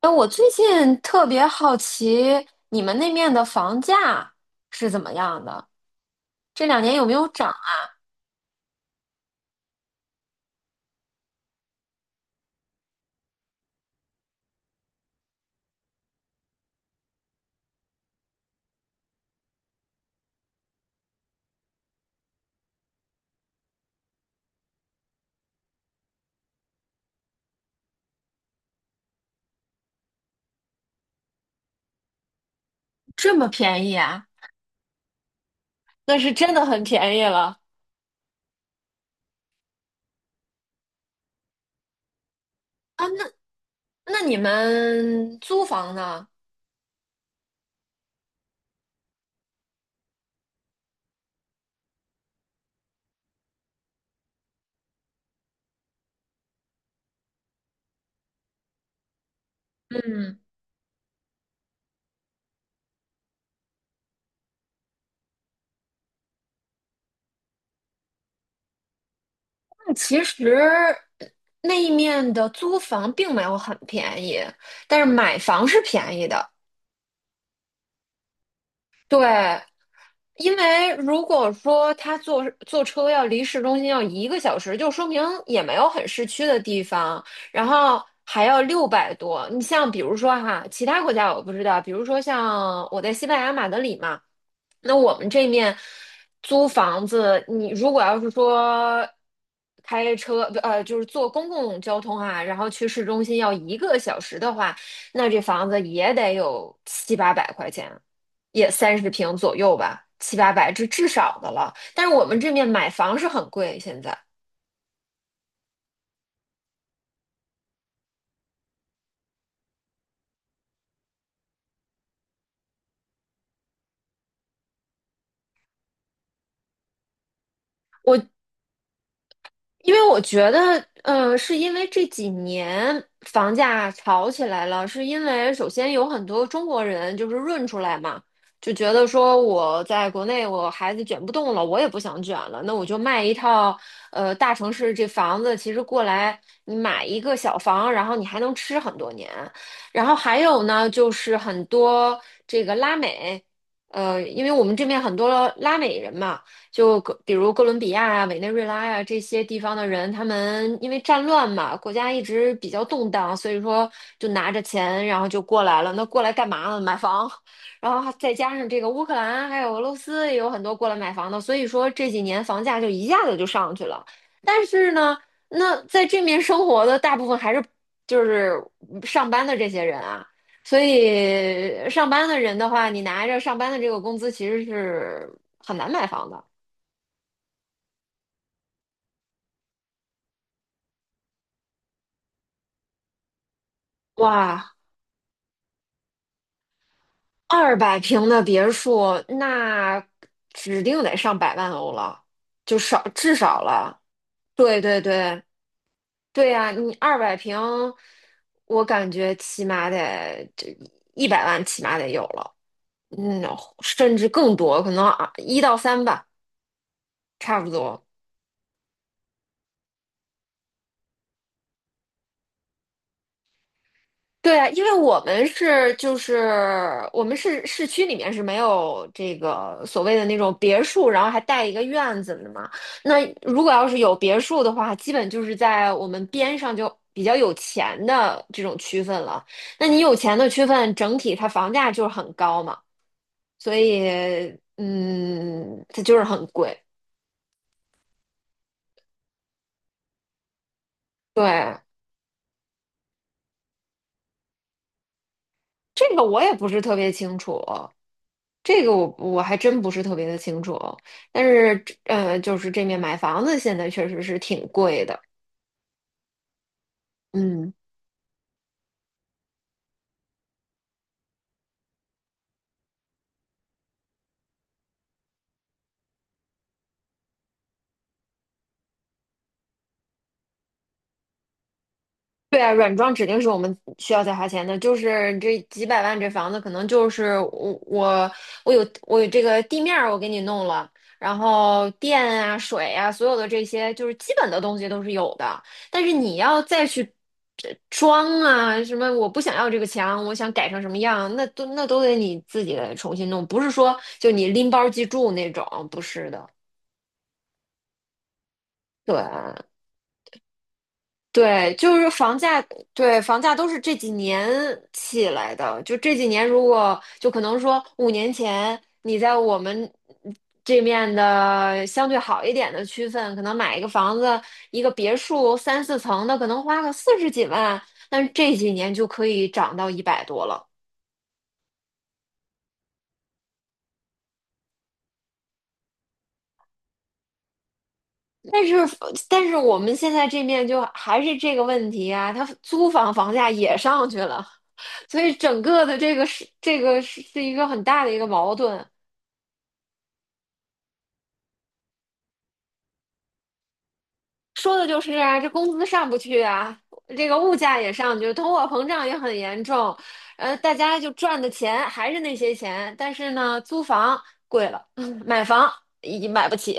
哎，我最近特别好奇你们那面的房价是怎么样的？这两年有没有涨啊？这么便宜啊？那是真的很便宜了啊！那你们租房呢？嗯，那其实呃那一面的租房并没有很便宜，但是买房是便宜的。对，因为如果说他坐车要离市中心要一个小时，就说明也没有很市区的地方，然后还要六百多。你像比如说哈，其他国家我不知道，比如说像我在西班牙马德里嘛，那我们这面租房子，你如果要是说开车，不，就是坐公共交通啊，然后去市中心要一个小时的话，那这房子也得有七八百块钱。也30平左右吧，七八百，这至少的了。但是我们这面买房是很贵，现在。我。因为我觉得，是因为这几年房价炒起来了，是因为首先有很多中国人就是润出来嘛，就觉得说我在国内我孩子卷不动了，我也不想卷了，那我就卖一套，大城市这房子，其实过来你买一个小房，然后你还能吃很多年。然后还有呢，就是很多这个拉美，因为我们这边很多拉美人嘛。就比如哥伦比亚啊、委内瑞拉呀、啊这些地方的人，他们因为战乱嘛，国家一直比较动荡，所以说就拿着钱，然后就过来了。那过来干嘛呢？买房，然后再加上这个乌克兰还有俄罗斯也有很多过来买房的，所以说这几年房价就一下子就上去了。但是呢，那在这面生活的大部分还是就是上班的这些人啊。所以上班的人的话，你拿着上班的这个工资，其实是很难买房的。哇，二百平的别墅，那指定得上百万欧了，就少至少了。对对对对呀，你二百平，我感觉起码得这100万起码得有了，嗯，甚至更多，可能啊一到三吧，差不多。对啊，因为我们是市区里面是没有这个所谓的那种别墅，然后还带一个院子的嘛。那如果要是有别墅的话，基本就是在我们边上就比较有钱的这种区分了。那你有钱的区分，整体它房价就是很高嘛，所以它就是很贵。对，这个我也不是特别清楚。这个我还真不是特别的清楚，但是就是这面买房子现在确实是挺贵的，嗯。对啊，软装指定是我们需要再花钱的，就是这几百万这房子，可能就是我有这个地面儿我给你弄了，然后电啊、水啊，所有的这些就是基本的东西都是有的，但是你要再去装啊什么，我不想要这个墙，我想改成什么样，那都得你自己重新弄，不是说就你拎包即住那种，不是的，对啊。对，就是房价，对，房价都是这几年起来的。就这几年，如果就可能说五年前你在我们这面的相对好一点的区份，可能买一个房子，一个别墅三四层的，可能花个四十几万，但是这几年就可以涨到一百多了。但是，但是我们现在这面就还是这个问题啊，它租房房价也上去了，所以整个的这个是一个很大的一个矛盾。说的就是啊，这工资上不去啊，这个物价也上去，通货膨胀也很严重，大家就赚的钱还是那些钱，但是呢，租房贵了，买房也买不起，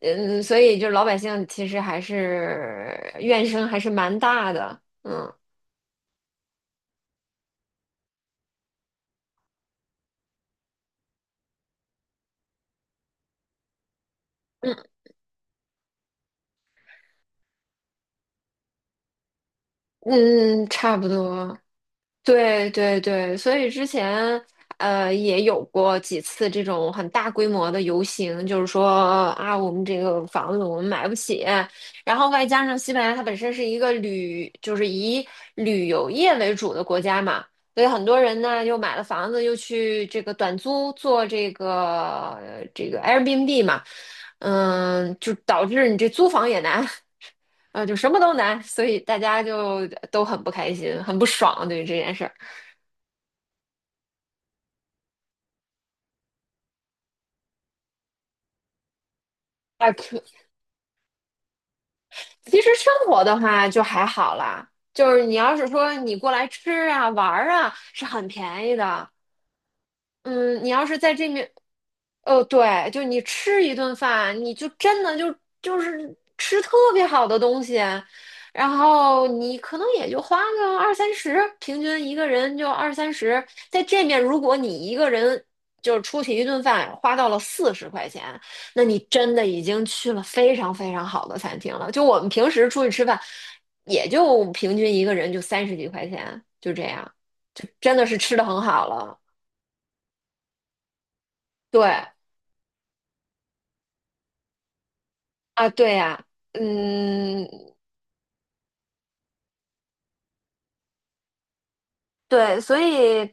嗯，所以就老百姓其实还是怨声还是蛮大的，嗯嗯嗯，差不多，对对对，所以之前也有过几次这种很大规模的游行，就是说啊，我们这个房子我们买不起，然后外加上西班牙它本身是一个旅，就是以旅游业为主的国家嘛，所以很多人呢又买了房子，又去这个短租做这个Airbnb 嘛，就导致你这租房也难，就什么都难，所以大家就都很不开心，很不爽对于这件事儿。啊，可其实生活的话就还好啦，就是你要是说你过来吃啊、玩儿啊，是很便宜的。嗯，你要是在这面，哦，对，就你吃一顿饭，你就真的就是吃特别好的东西，然后你可能也就花个二三十，平均一个人就二三十。在这面，如果你一个人就是出去一顿饭花到了40块钱，那你真的已经去了非常非常好的餐厅了。就我们平时出去吃饭，也就平均一个人就三十几块钱，就这样，就真的是吃的很好了。对。啊，对呀，嗯，对，所以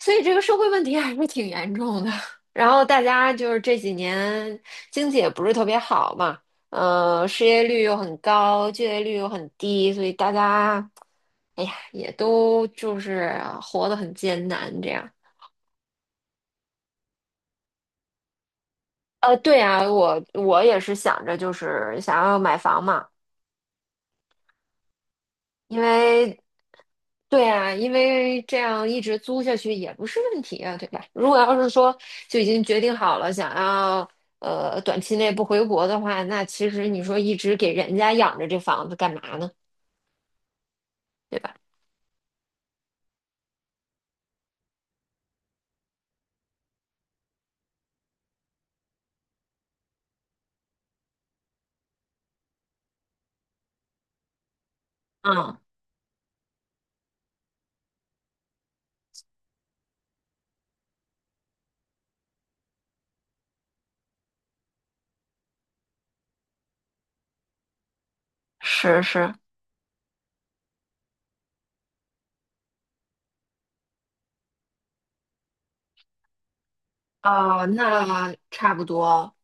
所以这个社会问题还是挺严重的。然后大家就是这几年经济也不是特别好嘛，失业率又很高，就业率又很低，所以大家，哎呀，也都就是活得很艰难这样。对呀，我也是想着就是想要买房嘛，因为对啊，因为这样一直租下去也不是问题啊，对吧？如果要是说就已经决定好了，想要短期内不回国的话，那其实你说一直给人家养着这房子干嘛呢？对吧？嗯，是是，哦，那差不多，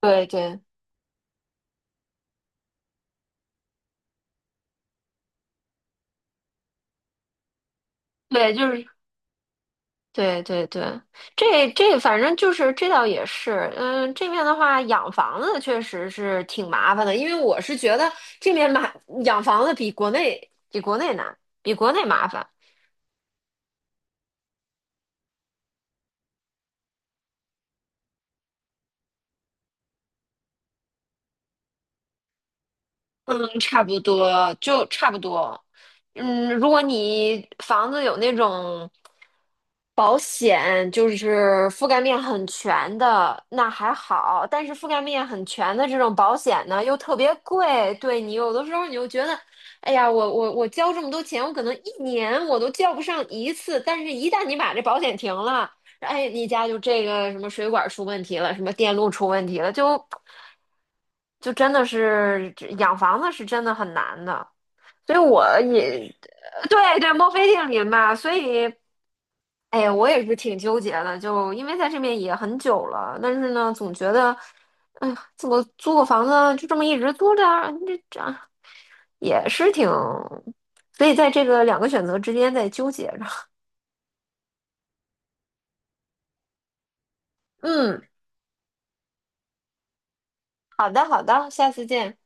对对。对，就是。对对对，这反正就是这倒也是，嗯，这面的话养房子确实是挺麻烦的，因为我是觉得这面养房子比国内难，比国内麻烦。嗯，差不多，就差不多。嗯，如果你房子有那种保险，就是覆盖面很全的，那还好。但是覆盖面很全的这种保险呢，又特别贵，对你有的时候你就觉得，哎呀，我交这么多钱，我可能一年我都交不上一次。但是，一旦你把这保险停了，哎，你家就这个什么水管出问题了，什么电路出问题了，就真的是这养房子是真的很难的。所以我也对对，墨菲定律嘛，所以。哎呀，我也是挺纠结的，就因为在这边也很久了，但是呢，总觉得，哎呀，怎么租个房子就这么一直租着，这啊也是挺，所以在这个两个选择之间在纠结着。嗯，好的，好的，下次见。